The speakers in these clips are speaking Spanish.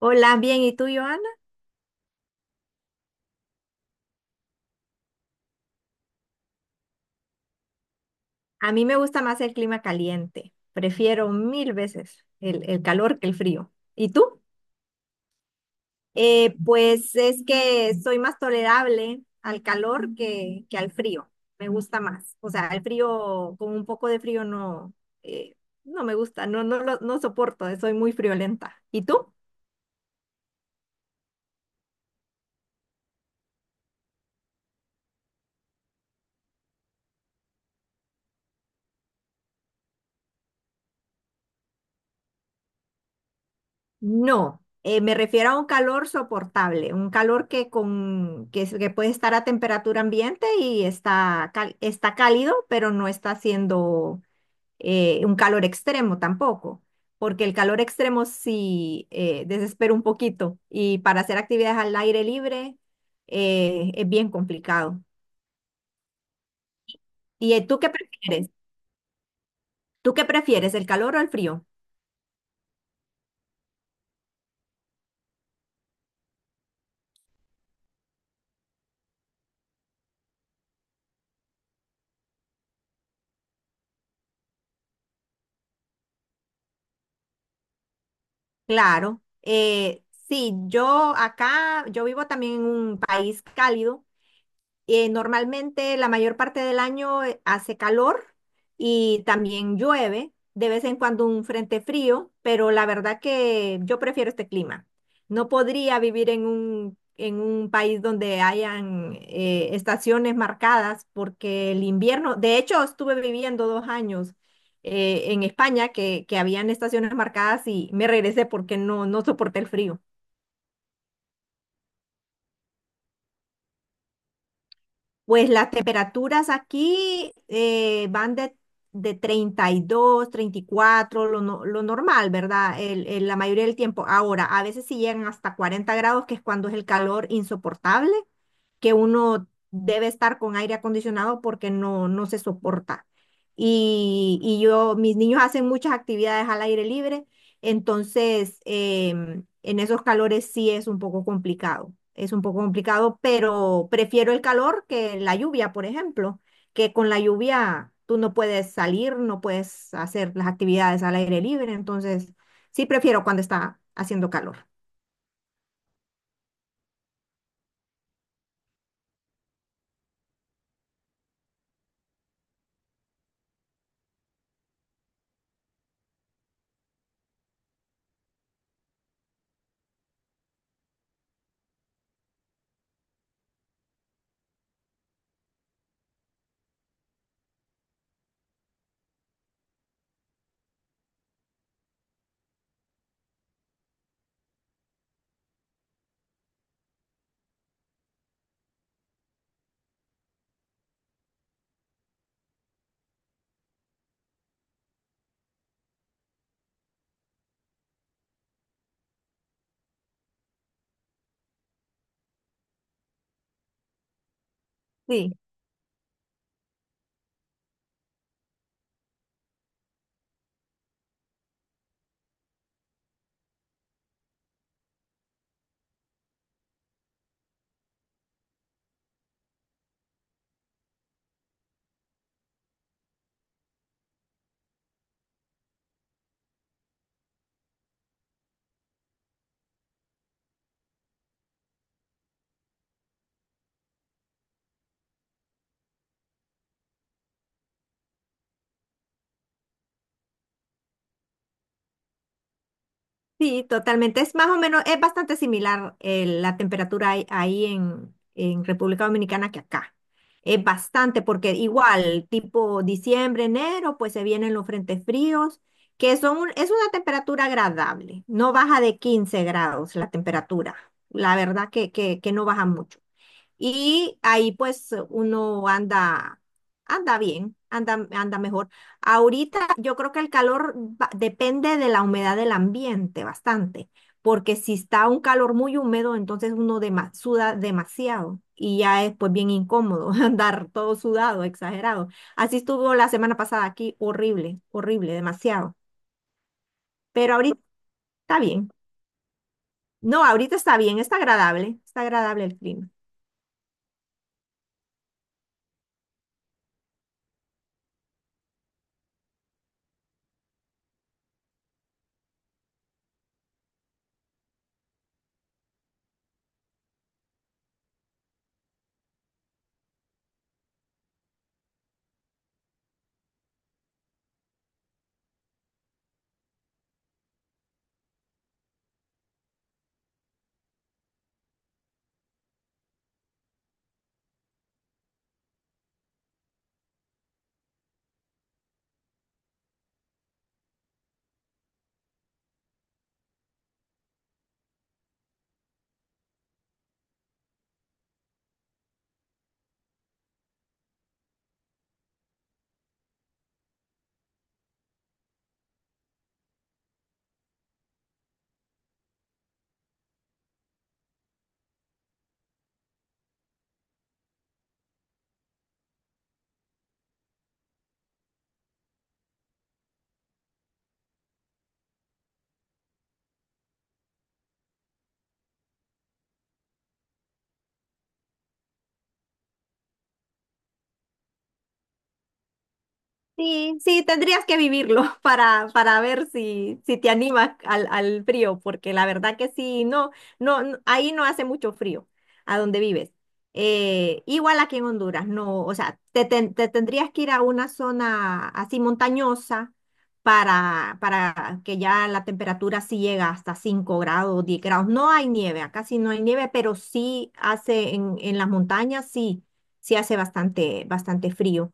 Hola, bien, ¿y tú, Joana? A mí me gusta más el clima caliente. Prefiero mil veces el calor que el frío. ¿Y tú? Pues es que soy más tolerable al calor que al frío. Me gusta más. O sea, el frío, con un poco de frío no, eh, no me gusta, no, no, no soporto, soy muy friolenta. ¿Y tú? No, me refiero a un calor soportable, un calor que, con, que, es- que puede estar a temperatura ambiente y está cálido, pero no está haciendo un calor extremo tampoco, porque el calor extremo sí desespera un poquito y para hacer actividades al aire libre es bien complicado. ¿Y tú qué prefieres? ¿Tú qué prefieres, el calor o el frío? Claro, sí, yo acá, yo vivo también en un país cálido. Normalmente la mayor parte del año hace calor y también llueve, de vez en cuando un frente frío, pero la verdad que yo prefiero este clima. No podría vivir en un país donde hayan estaciones marcadas porque el invierno, de hecho estuve viviendo 2 años en España que habían estaciones marcadas y me regresé porque no, no soporté el frío. Pues las temperaturas aquí van de 32, 34, lo, no- lo normal, ¿verdad? La mayoría del tiempo. Ahora, a veces sí llegan hasta 40 grados, que es cuando es el calor insoportable, que uno debe estar con aire acondicionado porque no, no se soporta. Y yo, mis niños hacen muchas actividades al aire libre entonces, en esos calores sí es un poco complicado, es un poco complicado, pero prefiero el calor que la lluvia, por ejemplo, que con la lluvia tú no puedes salir, no puedes hacer las actividades al aire libre, entonces sí prefiero cuando está haciendo calor. Sí. Sí, totalmente. Es más o menos, es bastante similar la temperatura ahí en República Dominicana que acá. Es bastante, porque igual, tipo diciembre, enero, pues se vienen los frentes fríos, que son es una temperatura agradable. No baja de 15 grados la temperatura. La verdad que no baja mucho. Y ahí pues uno anda, anda bien, anda, anda mejor. Ahorita yo creo que el calor depende de la humedad del ambiente bastante, porque si está un calor muy húmedo, entonces uno suda demasiado y ya es pues bien incómodo andar todo sudado, exagerado. Así estuvo la semana pasada aquí, horrible, horrible, demasiado. Pero ahorita está bien. No, ahorita está bien, está agradable el clima. Sí, sí, tendrías que vivirlo para ver si te animas al frío, porque la verdad que sí, no, no, ahí no hace mucho frío a donde vives. Igual aquí en Honduras, no, o sea, te tendrías que ir a una zona así montañosa para que ya la temperatura sí llega hasta 5 grados, 10 grados. No hay nieve, acá sí no hay nieve, pero sí hace en las montañas, sí, sí hace bastante, bastante frío.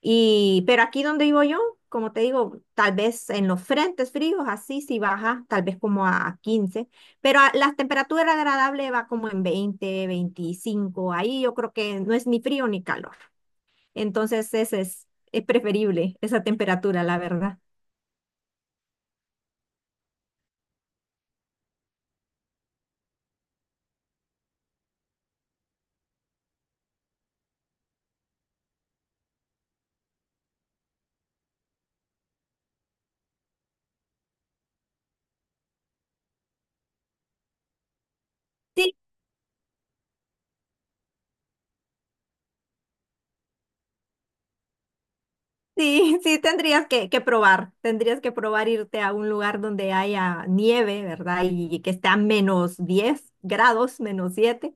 Y, pero aquí donde vivo yo, como te digo, tal vez en los frentes fríos, así sí baja, tal vez como a 15, pero la temperatura agradable va como en 20, 25, ahí yo creo que no es ni frío ni calor. Entonces ese es preferible, esa temperatura, la verdad. Sí. Sí, sí, tendrías que probar, tendrías que probar irte a un lugar donde haya nieve, ¿verdad? Y que esté a -10 grados, -7,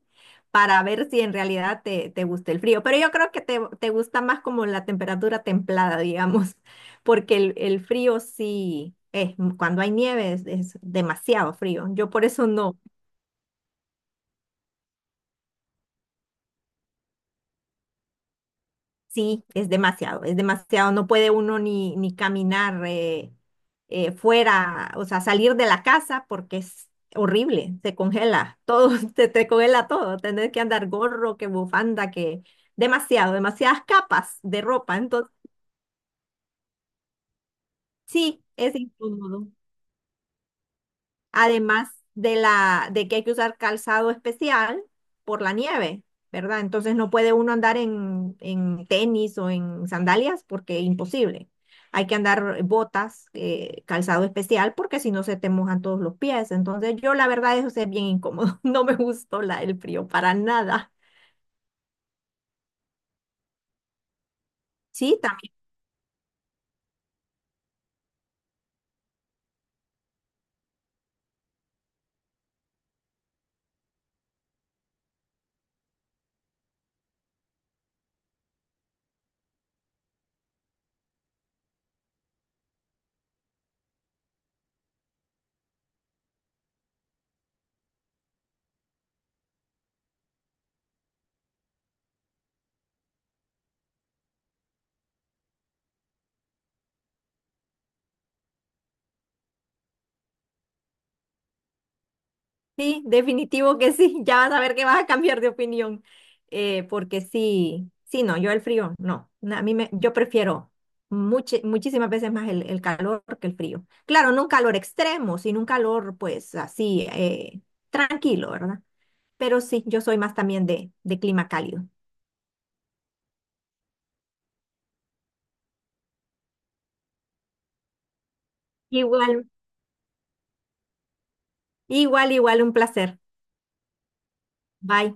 para ver si en realidad te gusta el frío. Pero yo creo que te gusta más como la temperatura templada, digamos, porque el frío sí, cuando hay nieve es demasiado frío. Yo por eso no. Sí, es demasiado, es demasiado. No puede uno ni caminar fuera, o sea, salir de la casa porque es horrible, se congela todo, te congela todo. Tener que andar gorro, que bufanda, que demasiado, demasiadas capas de ropa. Entonces, sí, es incómodo. Además de que hay que usar calzado especial por la nieve, ¿verdad? Entonces no puede uno andar en tenis o en sandalias porque imposible. Hay que andar botas, calzado especial, porque si no se te mojan todos los pies. Entonces yo la verdad eso sí es bien incómodo. No me gustó la, el frío para nada. Sí, también. Sí, definitivo que sí. Ya vas a ver que vas a cambiar de opinión. Porque sí, sí, no, yo el frío, no. A mí me, yo prefiero muchísimas veces más el calor que el frío. Claro, no un calor extremo, sino un calor pues así, tranquilo, ¿verdad? Pero sí, yo soy más también de clima cálido. Igual, igual, igual, un placer. Bye.